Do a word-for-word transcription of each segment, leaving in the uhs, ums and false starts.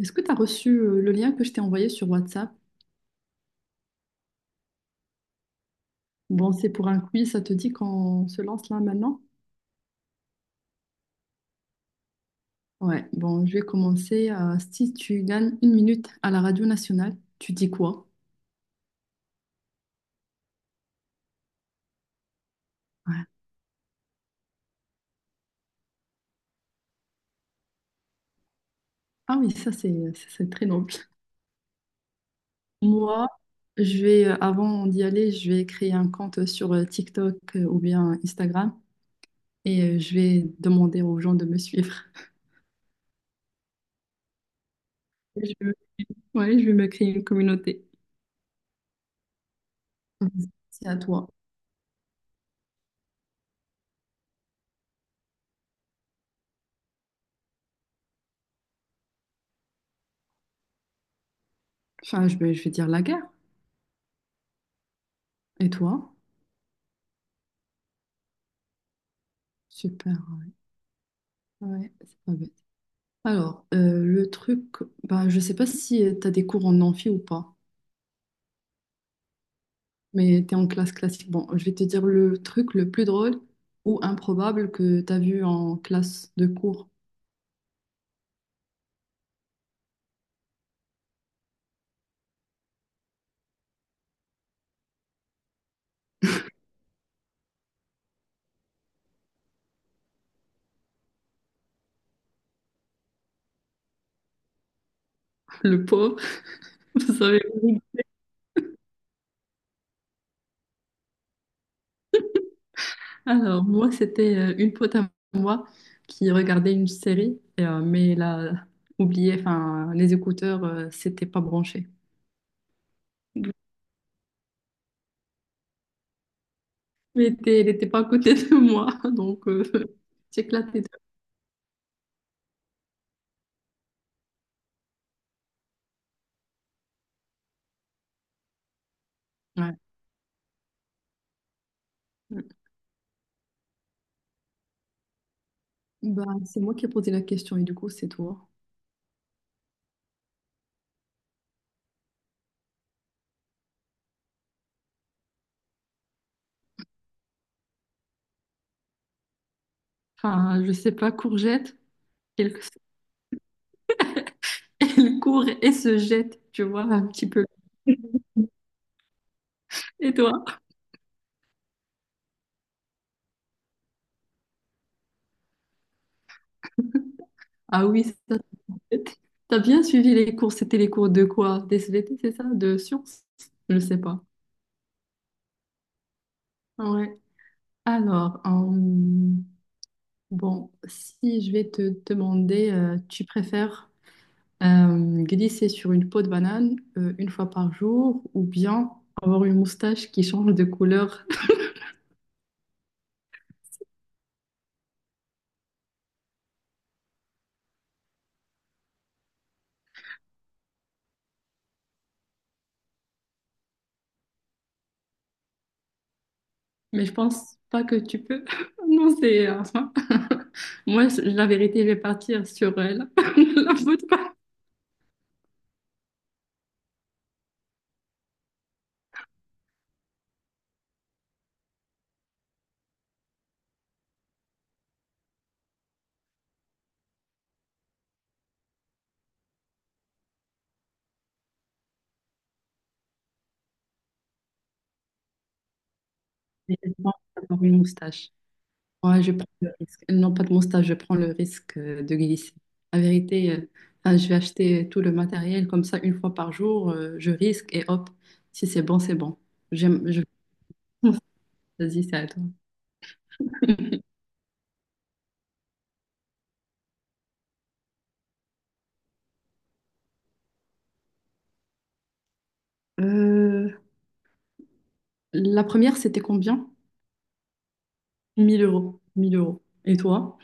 Est-ce que tu as reçu euh, le lien que je t'ai envoyé sur WhatsApp? Bon, c'est pour un quiz, ça te dit qu'on se lance là maintenant? Ouais, bon, je vais commencer. euh, si tu gagnes une minute à la radio nationale, tu dis quoi? Ouais. Ah oui, ça c'est ça, c'est très noble. Moi, je vais, euh, avant d'y aller, je vais créer un compte sur euh, TikTok, euh, ou bien Instagram, et euh, je vais demander aux gens de me suivre. Je vais- ouais, je vais me créer une communauté. C'est à toi. Enfin, je vais, je vais dire la guerre. Et toi? Super. Ouais, c'est pas bête. Alors, euh, le truc, bah, je sais pas si tu as des cours en amphi ou pas, mais tu es en classe classique. Bon, je vais te dire le truc le plus drôle ou improbable que tu as vu en classe de cours. Le pauvre, vous savez. Alors, moi, c'était euh, une pote à moi qui regardait une série, et, euh, mais elle a oublié, enfin, les écouteurs, euh, c'était pas branché. Mais t'es, elle était pas à côté de moi, donc euh, j'éclatais de. Ouais. Bah, c'est moi qui ai posé la question et du coup, c'est toi. Enfin, je sais pas, courgette, elle, elle court et se jette, tu vois, un petit peu. Et toi? Ah oui, ça te jette. T'as bien suivi les cours, c'était les cours de quoi? Des S V T, c'est ça? De sciences? Je sais pas. Ouais. Alors, euh, bon, si je vais te demander, euh, tu préfères euh, glisser sur une peau de banane euh, une fois par jour, ou bien avoir une moustache qui change de couleur? Mais je pense pas que tu peux. Non, c'est... euh, enfin, moi, la vérité, je vais partir sur euh, la, la faute pas. Mais je pense avoir une moustache. Moi, je prends le risque. Non, pas de moustache, je prends le risque euh, de glisser. La vérité, euh, enfin, je vais acheter tout le matériel comme ça une fois par jour. euh, je risque et hop, si c'est bon, c'est bon. J'aime, je. Vas-y, c'est à toi. Euh, la première, c'était combien? Mille euros. Mille euros. Et toi?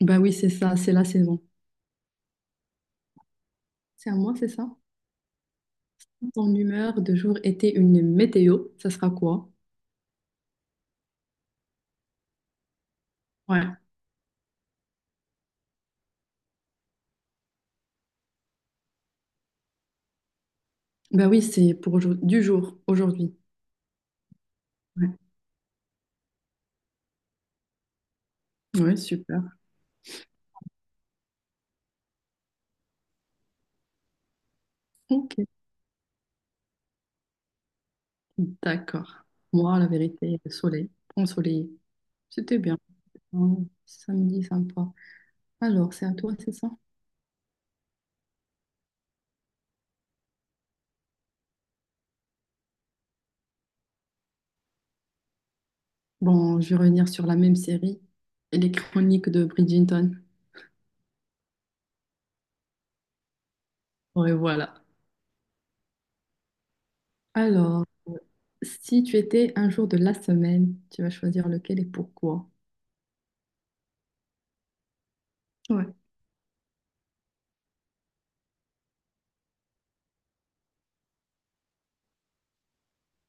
Bah oui, c'est ça, c'est la saison. C'est à moi, c'est ça? Ton humeur de jour était une météo, ça sera quoi? Ouais. Bah oui, c'est pour aujourd- du jour, aujourd'hui. Ouais. Ouais, super. Ok. D'accord. Moi, la vérité, le soleil, ensoleillé. C'était bien. Ouais, samedi, sympa. Alors, c'est à toi, c'est ça? Bon, je vais revenir sur la même série, les chroniques de Bridgerton. Ouais, voilà. Alors, si tu étais un jour de la semaine, tu vas choisir lequel et pourquoi? Ouais.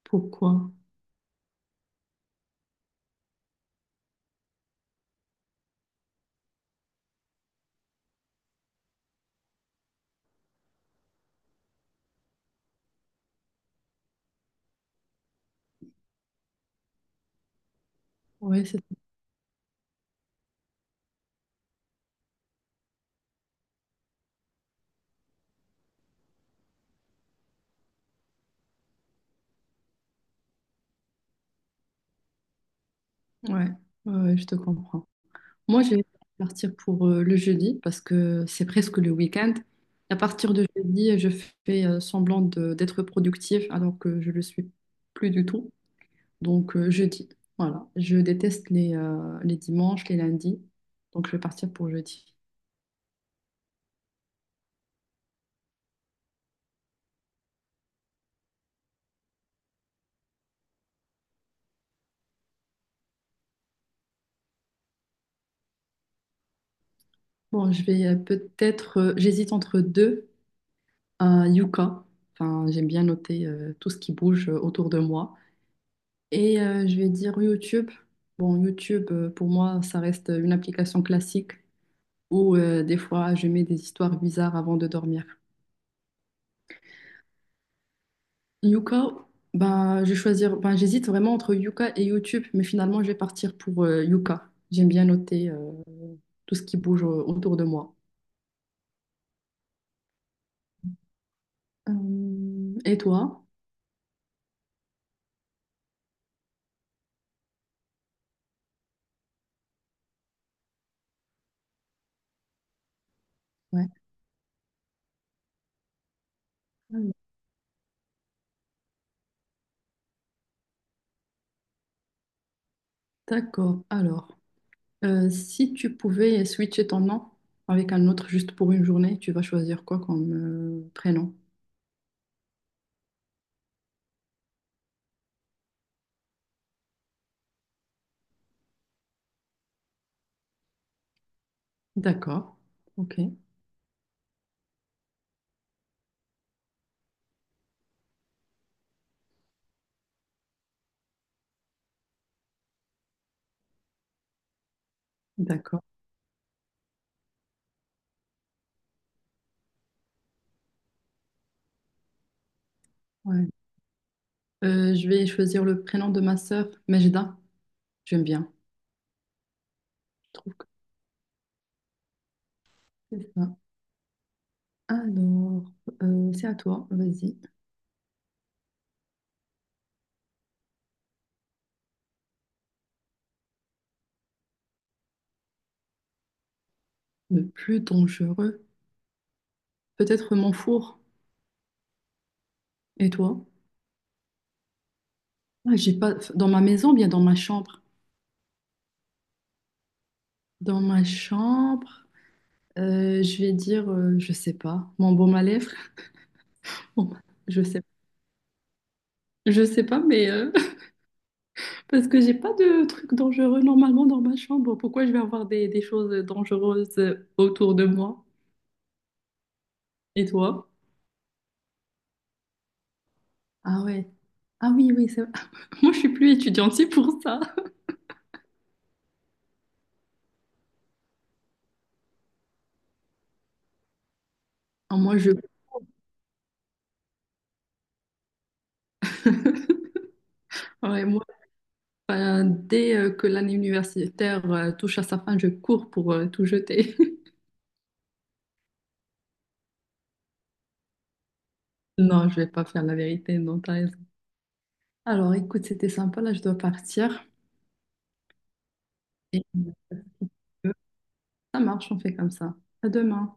Pourquoi? Ouais, c'est Ouais, ouais, ouais, je te comprends. Moi, je vais partir pour euh, le jeudi parce que c'est presque le week-end. À partir de jeudi, je fais euh, semblant de- d'être productive alors que je le suis plus du tout. Donc, euh, jeudi. Voilà. Je déteste les, euh, les dimanches, les lundis. Donc, je vais partir pour jeudi. Bon, je vais euh, peut-être. euh, j'hésite entre deux. Un yucca. Enfin, j'aime bien noter euh, tout ce qui bouge euh, autour de moi. Et euh, je vais dire YouTube. Bon, YouTube, euh, pour moi, ça reste une application classique où euh, des fois, je mets des histoires bizarres avant de dormir. Yuka, ben, je vais choisir, ben, j'hésite vraiment entre Yuka et YouTube, mais finalement, je vais partir pour euh, Yuka. J'aime bien noter euh, tout ce qui bouge euh, autour de moi. Euh, et toi? Ouais. D'accord. Alors, euh, si tu pouvais switcher ton nom avec un autre juste pour une journée, tu vas choisir quoi comme euh, prénom? D'accord. Ok. D'accord. Ouais. Euh, je vais choisir le prénom de ma sœur, Majda. J'aime bien. Je trouve que c'est ça. Alors, euh, c'est à toi. Vas-y. Le plus dangereux. Peut-être mon four. Et toi? Ah, j'ai pas. Dans ma maison, ou bien dans ma chambre. Dans ma chambre, euh, je vais dire, euh, je sais pas. Mon baume à lèvres. Bon, je sais, je sais pas, mais. euh, Parce que j'ai pas de trucs dangereux normalement dans ma chambre. Pourquoi je vais avoir des, des choses dangereuses autour de moi? Et toi? Ah ouais. Ah oui, oui, c'est moi, je suis plus étudiante, c'est pour ça. Ah, moi, je. ouais, moi, euh, dès euh, que l'année universitaire euh, touche à sa fin, je cours pour euh, tout jeter. Non, je vais pas faire la vérité, non, t'as raison. Alors, écoute, c'était sympa, là, je dois partir. Et euh, ça marche, on fait comme ça. À demain.